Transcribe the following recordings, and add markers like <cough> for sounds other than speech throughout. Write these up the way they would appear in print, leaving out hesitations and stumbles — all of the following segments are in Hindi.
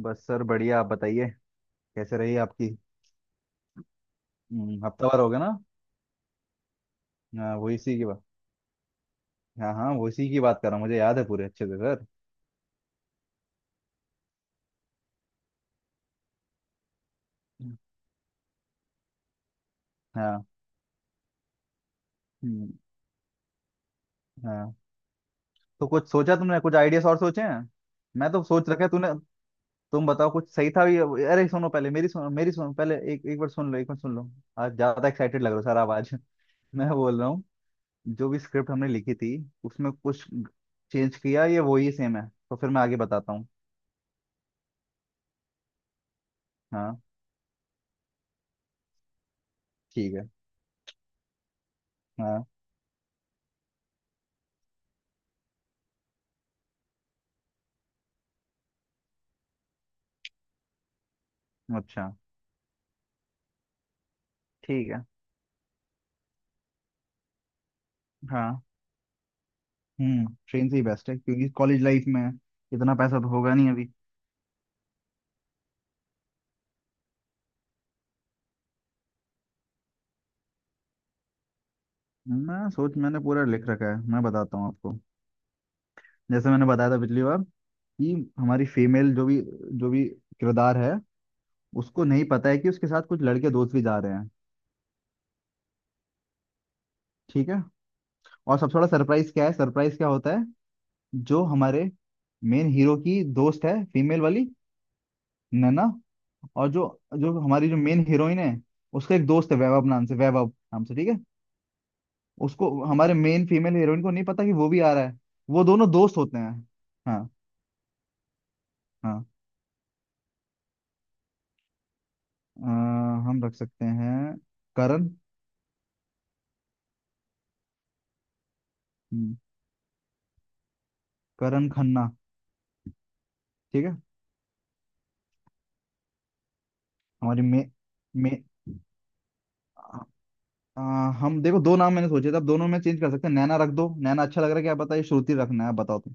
बस सर, बढ़िया। आप बताइए, कैसे रही आपकी। हफ्तावार हो गया ना। हाँ, वो इसी की बात। हाँ, हाँ, वो इसी की बात कर रहा हूँ, मुझे याद है पूरे अच्छे से सर। हाँ। हम्म। हाँ। तो कुछ सोचा तुमने, कुछ आइडियाज और सोचे हैं? मैं तो सोच रखा है तूने। तुम बताओ, कुछ सही था भी? अरे सुनो पहले, मेरी सुनो, मेरी सुनो पहले, एक एक बार सुन लो, एक बार सुन लो। आज ज्यादा एक्साइटेड लग रहे हो सर, आवाज <laughs> मैं बोल रहा हूँ, जो भी स्क्रिप्ट हमने लिखी थी उसमें कुछ चेंज किया? ये वही सेम है तो फिर मैं आगे बताता हूँ। हाँ। ठीक है। हाँ। अच्छा, ठीक है। हाँ। ट्रेन से ही बेस्ट है, क्योंकि कॉलेज लाइफ में इतना पैसा तो होगा नहीं अभी। मैंने पूरा लिख रखा है, मैं बताता हूँ आपको। जैसे मैंने बताया था पिछली बार कि हमारी फीमेल जो भी किरदार है, उसको नहीं पता है कि उसके साथ कुछ लड़के दोस्त भी जा रहे हैं। ठीक है। और सबसे बड़ा सरप्राइज क्या है, सरप्राइज क्या होता है? जो हमारे मेन हीरो की दोस्त है, फीमेल वाली, नैना। और जो जो हमारी जो मेन हीरोइन है, उसका एक दोस्त है, वैभव नाम से, ठीक है। उसको हमारे मेन फीमेल हीरोइन को नहीं पता कि वो भी आ रहा है, वो दोनों दोस्त होते हैं। हाँ, हाँ, अ, हम रख सकते हैं करण। हम्म, करण खन्ना, ठीक है। हमारी मे मे अ, हम देखो, दो नाम मैंने सोचे थे, अब दोनों में चेंज कर सकते हैं। नैना रख दो, नैना अच्छा लग रहा है? क्या पता ये श्रुति रखना है? बताओ तुम।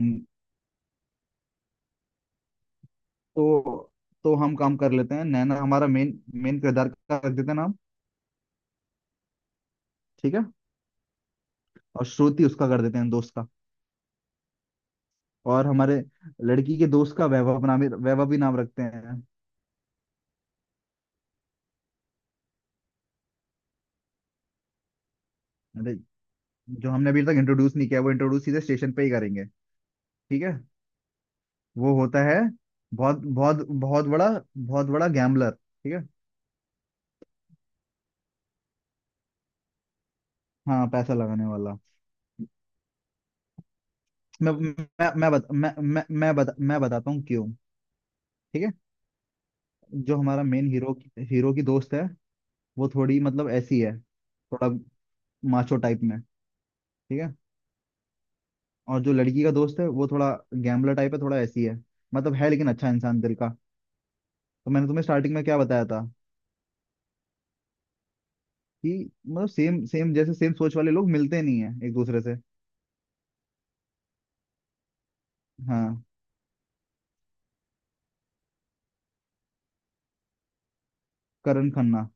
हम्म, तो तो हम काम कर लेते हैं, नैना हमारा मेन मेन किरदार का रख देते हैं नाम। ठीक है। और श्रुति उसका कर देते हैं दोस्त का। और हमारे लड़की के दोस्त का वैभव भी नाम रखते हैं। अरे, जो हमने अभी तक इंट्रोड्यूस नहीं किया, वो इंट्रोड्यूस सीधे स्टेशन पे ही करेंगे। ठीक है। वो होता है बहुत बहुत बहुत बड़ा, बहुत बड़ा गैम्बलर, ठीक है। हाँ, पैसा लगाने वाला। मैं बत, मैं, बता, मैं बताता हूँ क्यों। ठीक है। जो हमारा मेन हीरो हीरो की दोस्त है, वो थोड़ी मतलब ऐसी है, थोड़ा माचो टाइप में। ठीक है। और जो लड़की का दोस्त है, वो थोड़ा गैम्बलर टाइप है, थोड़ा ऐसी है मतलब, है लेकिन अच्छा इंसान दिल का। तो मैंने तुम्हें स्टार्टिंग में क्या बताया था कि मतलब सेम सेम जैसे सेम सोच वाले लोग मिलते नहीं है एक दूसरे से। हाँ। करण खन्ना।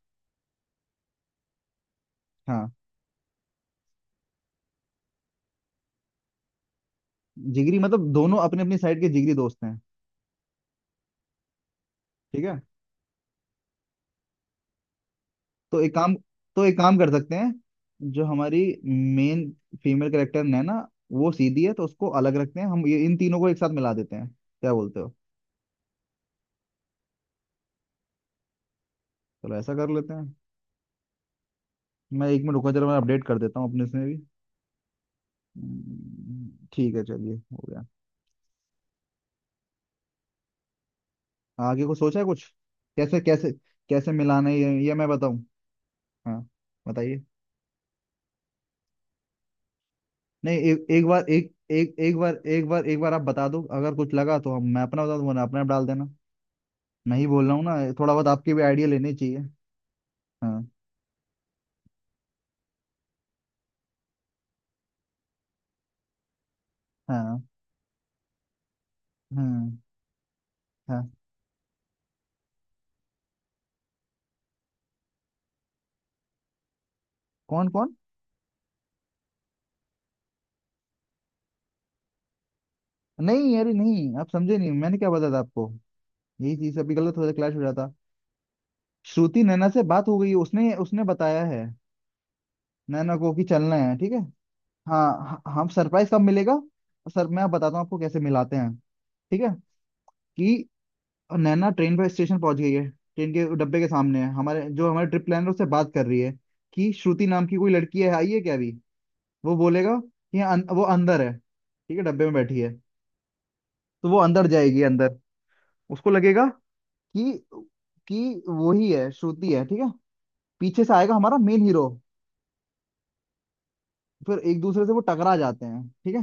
हाँ। जिगरी मतलब दोनों अपने अपनी साइड के जिगरी दोस्त हैं। ठीक है। तो एक काम तो एक काम कर सकते हैं। जो हमारी मेन फीमेल कैरेक्टर नैना, वो सीधी है तो उसको अलग रखते हैं। हम ये इन तीनों को एक साथ मिला देते हैं। क्या बोलते हो? चलो ऐसा कर लेते हैं। मैं एक मिनट रुको जरा, मैं अपडेट कर देता हूँ अपने इसमें भी। ठीक है, चलिए, हो गया। आगे कुछ सोचा है कुछ, कैसे कैसे? कैसे मिलाना है ये मैं बताऊँ? हाँ, बताइए। नहीं, एक बार, एक एक एक बार, एक बार, एक बार आप बता दो, अगर कुछ लगा तो हम मैं अपना बता दूं, वरना अपना डाल देना। मैं ही बोल रहा हूँ ना, थोड़ा बहुत आपके भी आइडिया लेने चाहिए। हाँ, हाँ, हाँ, हाँ। कौन कौन। नहीं, अरे नहीं, आप समझे नहीं, मैंने क्या बताया था आपको। यही चीज अभी गलत हो जाता, क्लैश हो जाता। श्रुति नैना से बात हो गई, उसने उसने बताया है नैना को कि चलना है, ठीक है। हाँ, हम सरप्राइज कब मिलेगा? सर, मैं बताता हूँ आपको कैसे मिलाते हैं। ठीक है, कि और नैना ट्रेन पर स्टेशन पहुंच गई है, ट्रेन के डब्बे के सामने है। हमारे जो हमारे ट्रिप प्लानर उससे बात कर रही है कि श्रुति नाम की कोई लड़की है, आई है क्या अभी? वो बोलेगा कि वो अंदर है, ठीक है, डब्बे में बैठी है। तो वो अंदर जाएगी, अंदर उसको लगेगा कि कि वही है, श्रुति है, ठीक है। पीछे से आएगा हमारा मेन हीरो। फिर एक दूसरे से वो टकरा जाते हैं, ठीक है।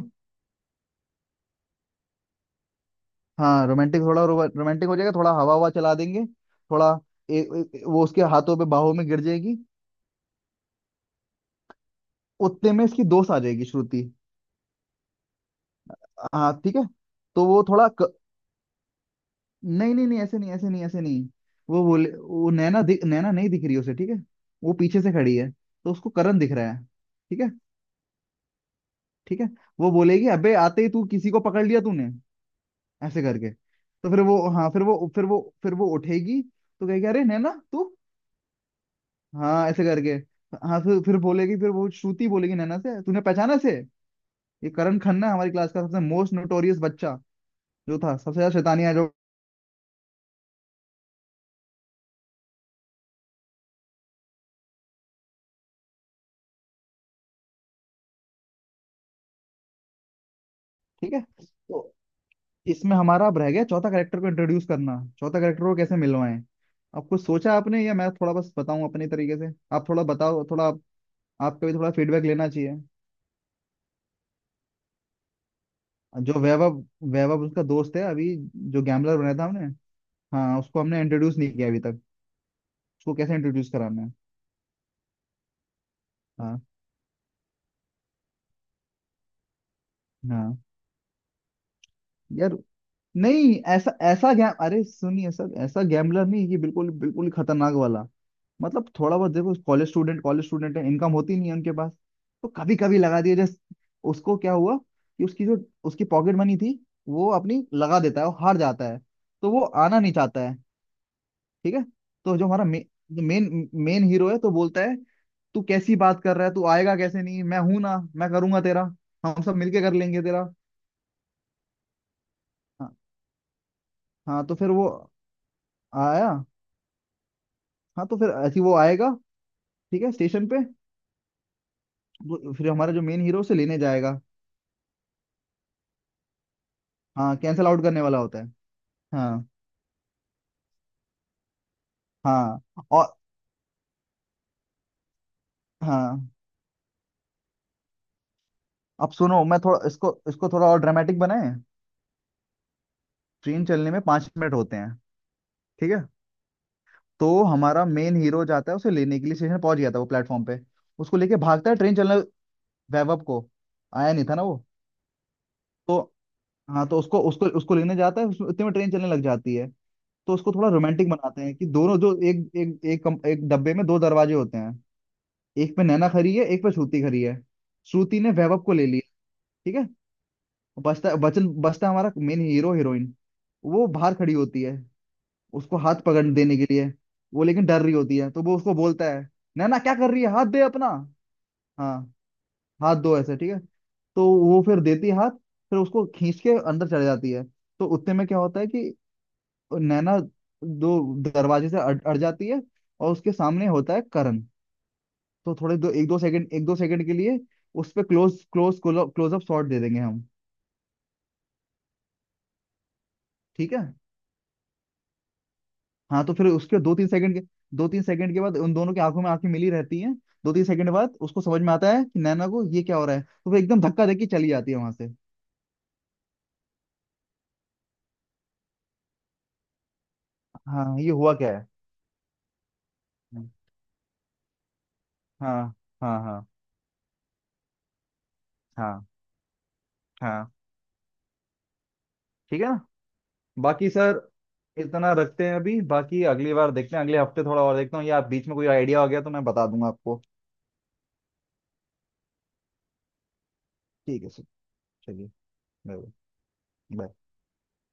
हाँ, रोमांटिक, थोड़ा रोमांटिक हो जाएगा, थोड़ा हवा हवा चला देंगे, थोड़ा। ए, ए, वो उसके हाथों पे बाहों में गिर जाएगी। उतने में इसकी दोस्त आ जाएगी, श्रुति। हाँ, ठीक है। तो वो थोड़ा नहीं, नहीं, नहीं, ऐसे नहीं, ऐसे नहीं, ऐसे नहीं। वो बोले, वो नैना नहीं दिख रही उसे, ठीक है। वो पीछे से खड़ी है, तो उसको करण दिख रहा है। ठीक है, ठीक है। वो बोलेगी, अबे आते ही तू किसी को पकड़ लिया तूने, ऐसे करके। तो फिर वो, हाँ, फिर वो उठेगी। तो कहेगी, अरे नैना, तू। हाँ, ऐसे करके। हाँ, फिर बोलेगी, फिर वो श्रुति बोलेगी नैना से, तूने पहचाना इसे? ये करण खन्ना है, हमारी क्लास का सबसे मोस्ट नोटोरियस बच्चा, जो था सबसे ज्यादा शैतानिया जो। ठीक है। तो इसमें हमारा अब रह गया, चौथा करेक्टर को इंट्रोड्यूस करना, चौथा करेक्टर को कैसे मिलवाएं? अब कुछ सोचा आपने, या मैं थोड़ा बस बताऊं अपने तरीके से? आप थोड़ा बताओ, थोड़ा आपका भी थोड़ा फीडबैक लेना चाहिए। जो वैभव वैभव उसका दोस्त है अभी। जो गैम्बलर बनाया था हमने, हाँ, उसको हमने इंट्रोड्यूस नहीं किया अभी तक। उसको कैसे इंट्रोड्यूस कराना है? हाँ, हाँ। यार, नहीं, ऐसा ऐसा गैम अरे सुनिए सर, ऐसा गैम्बलर नहीं, ये बिल्कुल बिल्कुल ही खतरनाक वाला। मतलब थोड़ा बहुत देखो, कॉलेज स्टूडेंट, कॉलेज स्टूडेंट है, इनकम होती नहीं है उनके पास। तो कभी कभी लगा दिया, जैसे, उसको क्या हुआ कि उसकी पॉकेट मनी थी, वो अपनी लगा देता है, वो हार जाता है। तो वो आना नहीं चाहता है, ठीक है। तो जो मेन मेन हीरो है, तो बोलता है, तू कैसी बात कर रहा है, तू आएगा कैसे? नहीं, मैं हूं ना, मैं करूंगा तेरा, हम सब मिलके कर लेंगे तेरा। हाँ, हाँ, तो फिर वो आया। हाँ, तो फिर ऐसे ही वो आएगा, ठीक है, स्टेशन पे। फिर हमारा जो मेन हीरो उसे लेने जाएगा। हाँ, कैंसिल आउट करने वाला होता है। हाँ, हाँ, और, हाँ, अब सुनो, मैं थोड़ा इसको इसको थोड़ा और ड्रामेटिक बनाए। ट्रेन चलने में 5 मिनट होते हैं, ठीक है। तो हमारा मेन हीरो जाता है उसे लेने के लिए, स्टेशन पहुंच गया था वो प्लेटफॉर्म पे। उसको लेके भागता है, ट्रेन चलने, वैभव को। आया नहीं था ना वो, तो। हाँ, तो उसको उसको उसको लेने जाता है, इतने में ट्रेन चलने लग जाती है। तो उसको थोड़ा रोमांटिक बनाते हैं कि दोनों जो एक एक एक कम, एक डब्बे में दो दरवाजे होते हैं। एक पे नैना खड़ी है, एक पे श्रुति खड़ी है। श्रुति ने वैभव को ले लिया, ठीक है। बचता हमारा मेन हीरो, हीरोइन। वो बाहर खड़ी होती है, उसको हाथ पकड़ देने के लिए। वो लेकिन डर रही होती है, तो वो उसको बोलता है, नैना क्या कर रही है, हाथ दे अपना। हाँ, हाथ दो ऐसे, ठीक है। तो वो फिर देती है हाथ, फिर उसको खींच के अंदर चले जाती है। तो उतने में क्या होता है कि नैना दो दरवाजे से अड़ जाती है, और उसके सामने होता है करण। तो थोड़े दो, एक दो सेकंड, एक दो सेकंड के लिए उस पे क्लोज क्लोज क्लोजअप शॉट दे देंगे हम, ठीक है। हाँ, तो फिर उसके दो तीन सेकंड के बाद उन दोनों की आंखों में आंखें मिली रहती हैं। दो तीन सेकंड बाद उसको समझ में आता है कि नैना को ये क्या हो रहा है, तो वो एकदम धक्का देके चली जाती है वहां से। हाँ, ये हुआ क्या है। हाँ, हाँ, हाँ, हाँ, हाँ। ठीक है ना। बाकी सर, इतना रखते हैं अभी। बाकी अगली बार देखते हैं, अगले हफ्ते थोड़ा और देखता हूँ, या बीच में कोई आइडिया आ गया तो मैं बता दूंगा आपको। ठीक है सर, चलिए, बाय, बाय।